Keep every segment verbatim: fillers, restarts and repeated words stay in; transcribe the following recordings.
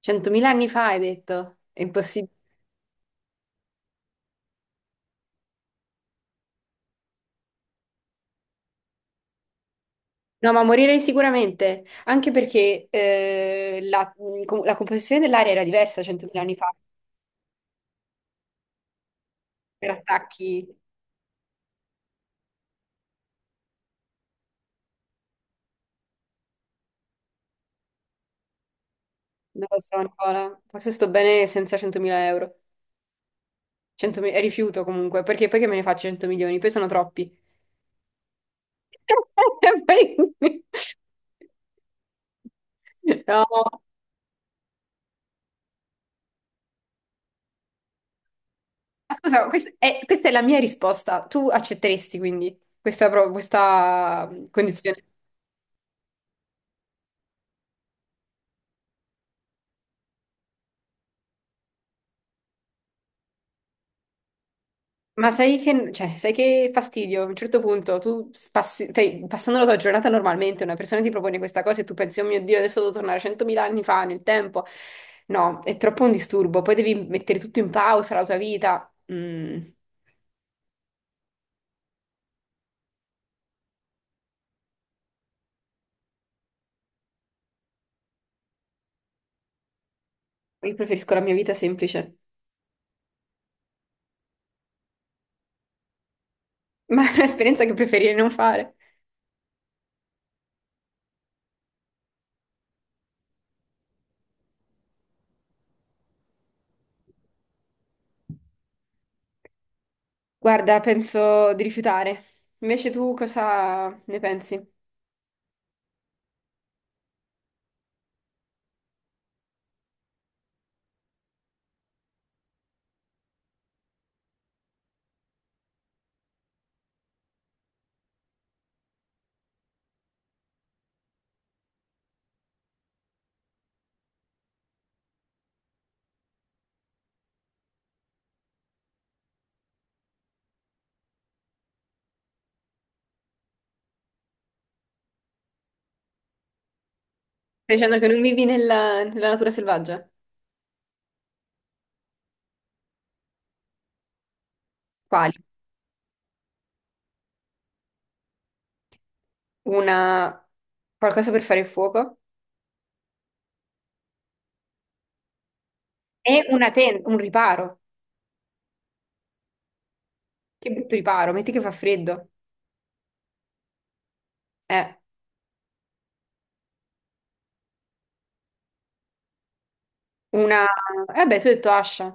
Centomila anni fa hai detto, è impossibile. No, ma morirei sicuramente, anche perché eh, la, la composizione dell'aria era diversa centomila anni fa, per attacchi, non lo so Nicola, forse sto bene senza centomila euro, centomila e rifiuto comunque, perché poi che me ne faccio cento milioni, poi sono troppi. Poi- No, ma scusa, questa è, questa è la mia risposta, tu accetteresti quindi questa, pro- questa mm, condizione? Ma sai che, cioè, sai che fastidio? A un certo punto tu s- passi, stai passando la tua giornata normalmente, una persona ti propone questa cosa e tu pensi, oh mio Dio, adesso devo tornare centomila anni fa nel tempo. No, è troppo un disturbo. Poi devi mettere tutto in pausa, la tua vita. Mm, Io preferisco la mia vita semplice, ma è un'esperienza che preferirei non fare. Guarda, penso di rifiutare. Invece tu cosa ne pensi? Stai dicendo che non vivi nella, nella natura selvaggia? Quali? Una... Qualcosa per fare il fuoco? E una tenda, un riparo. Che brutto riparo, metti che fa freddo. Eh, una... Eh beh, tu hai detto Ascia.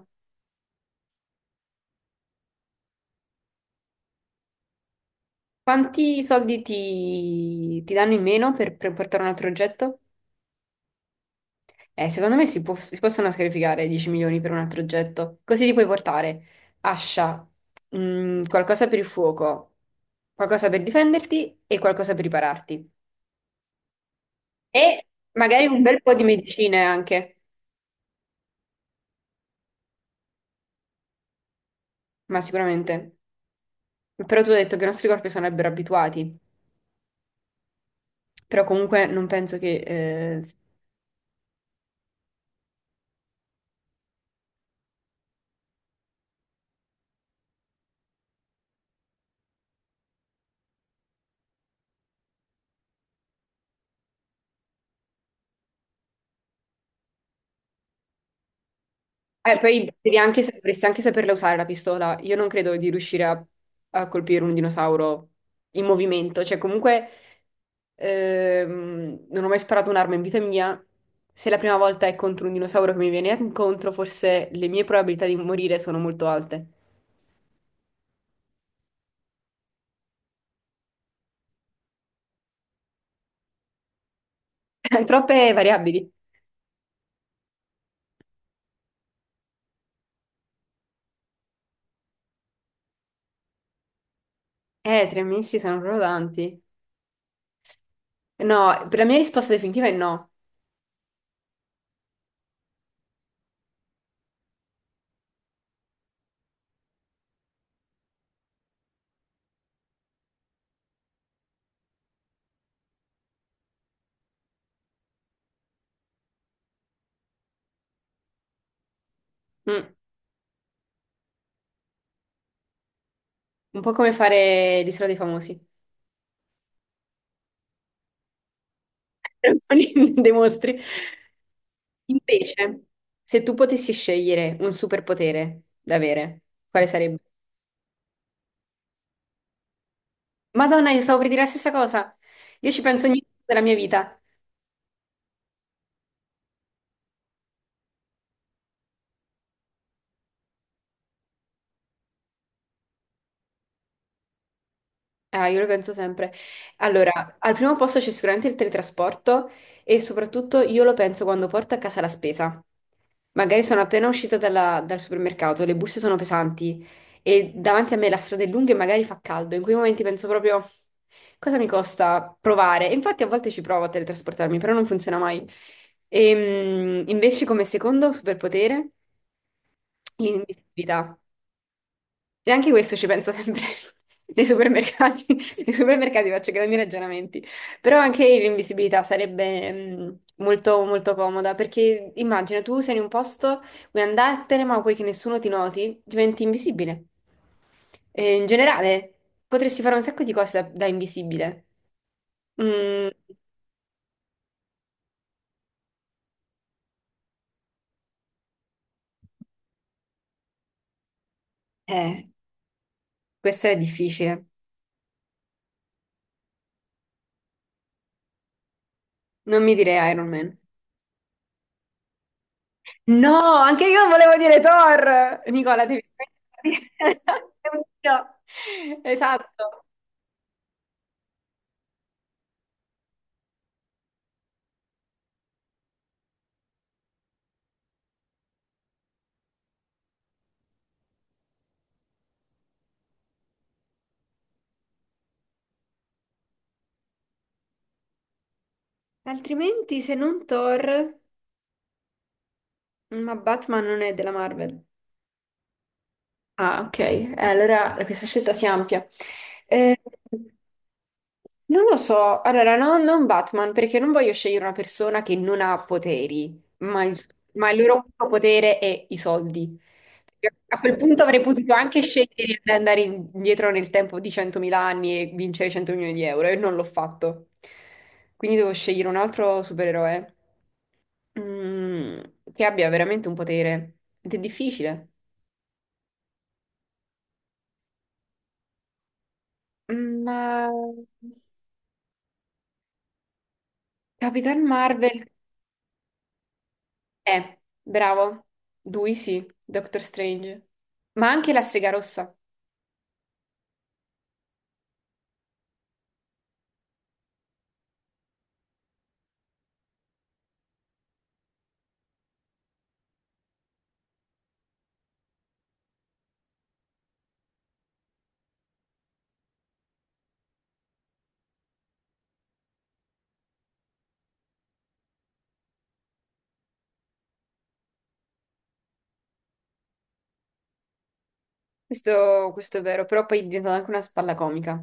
Quanti soldi ti, ti danno in meno per, per portare un altro oggetto? Eh, secondo me si, può- si possono sacrificare dieci milioni per un altro oggetto. Così ti puoi portare Ascia, mm, qualcosa per il fuoco, qualcosa per difenderti e qualcosa per ripararti. E magari un bel po' di medicine anche, ma sicuramente. Però tu hai detto che i nostri corpi sono abituati. Però comunque non penso che... Eh, s- eh, poi devi anche, sa- dovresti anche saperla usare la pistola. Io non credo di riuscire a, a colpire un dinosauro in movimento. Cioè, comunque, ehm, non ho mai sparato un'arma in vita mia. Se la prima volta è contro un dinosauro che mi viene incontro, forse le mie probabilità di morire sono molto alte. Troppe variabili. Eh, tre mesi sono proprio tanti. No, per la mia risposta definitiva è no. Mm. Un po' come fare l'Isola dei Famosi. Dei mostri. Invece, se tu potessi scegliere un superpotere da avere, quale sarebbe? Madonna, io stavo per dire la stessa cosa. Io ci penso ogni giorno della mia vita. Ah, io lo penso sempre. Allora, al primo posto c'è sicuramente il teletrasporto e soprattutto io lo penso quando porto a casa la spesa. Magari sono appena uscita dalla- dal supermercato, le borse sono pesanti e davanti a me la strada è lunga e magari fa caldo. In quei momenti penso proprio cosa mi costa provare. E infatti a volte ci provo a teletrasportarmi, però non funziona mai. E, invece come secondo superpotere, l'invisibilità. E anche questo ci penso sempre nei supermercati. Nei supermercati faccio grandi ragionamenti. Però anche l'invisibilità sarebbe mm, molto, molto comoda perché immagina tu sei in un posto, vuoi andartene, ma vuoi che nessuno ti noti, diventi invisibile. E in generale potresti fare un sacco di cose da, da invisibile. Mm, eh, questo è difficile. Non mi direi Iron Man. No, anche io volevo dire Thor. Nicola, devi smettere. È un dio. Esatto. Altrimenti, se non Thor, ma Batman non è della Marvel. Ah, ok. Eh, allora questa scelta si ampia. Eh, Non lo so, allora no, non Batman, perché non voglio scegliere una persona che non ha poteri, ma il, ma il, loro unico potere è i soldi. Perché a quel punto avrei potuto anche scegliere di andare indietro nel tempo di centomila anni e vincere cento milioni di euro, e non l'ho fatto. Quindi devo scegliere un altro supereroe mm, che abbia veramente un potere. Ed è difficile. Mm, ma Capitan Marvel. Eh, bravo. Lui sì, Doctor Strange. Ma anche la strega rossa. Questo, questo è vero, però poi diventa anche una spalla comica.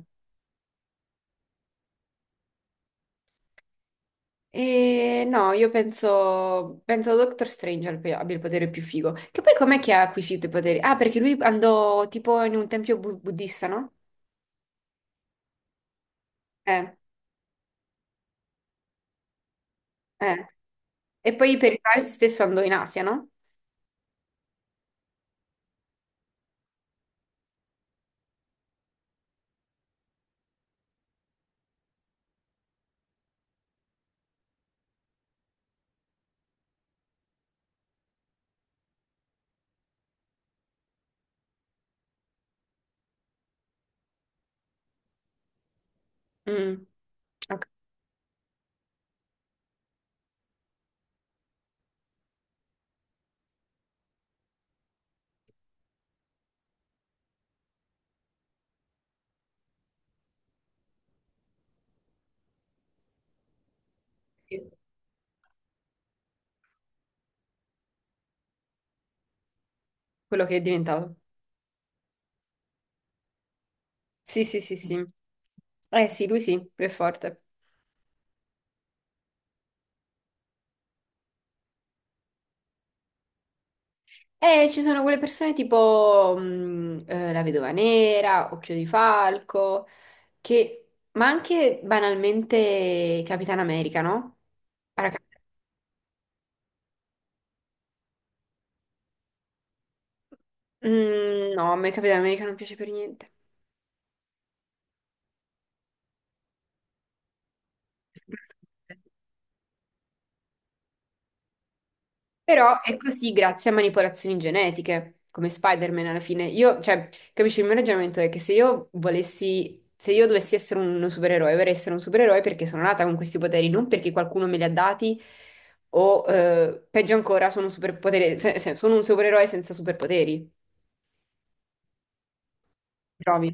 E no, io penso, penso Doctor Strange abbia abbia il potere più figo. Che poi com'è che ha acquisito i poteri? Ah, perché lui andò tipo in un tempio bu- buddista, no? Eh, eh. E poi per rifare se stesso andò in Asia, no? Mm, ho capito quello che è diventato. Sì, sì, sì, sì. Eh sì, lui sì, lui è forte. Eh, ci sono quelle persone tipo mh, eh, La Vedova Nera, Occhio di Falco, che... ma anche banalmente Capitan America, no? Ora. cap- Mm, no, a me Capitan America non piace per niente. Però è così grazie a manipolazioni genetiche, come Spider-Man alla fine. Io, cioè, capisci, il mio ragionamento è che se io volessi, se io dovessi essere un supereroe, vorrei essere un supereroe perché sono nata con questi poteri, non perché qualcuno me li ha dati o, eh, peggio ancora, sono un superpotere, se- se- sono un supereroe senza superpoteri. Trovi?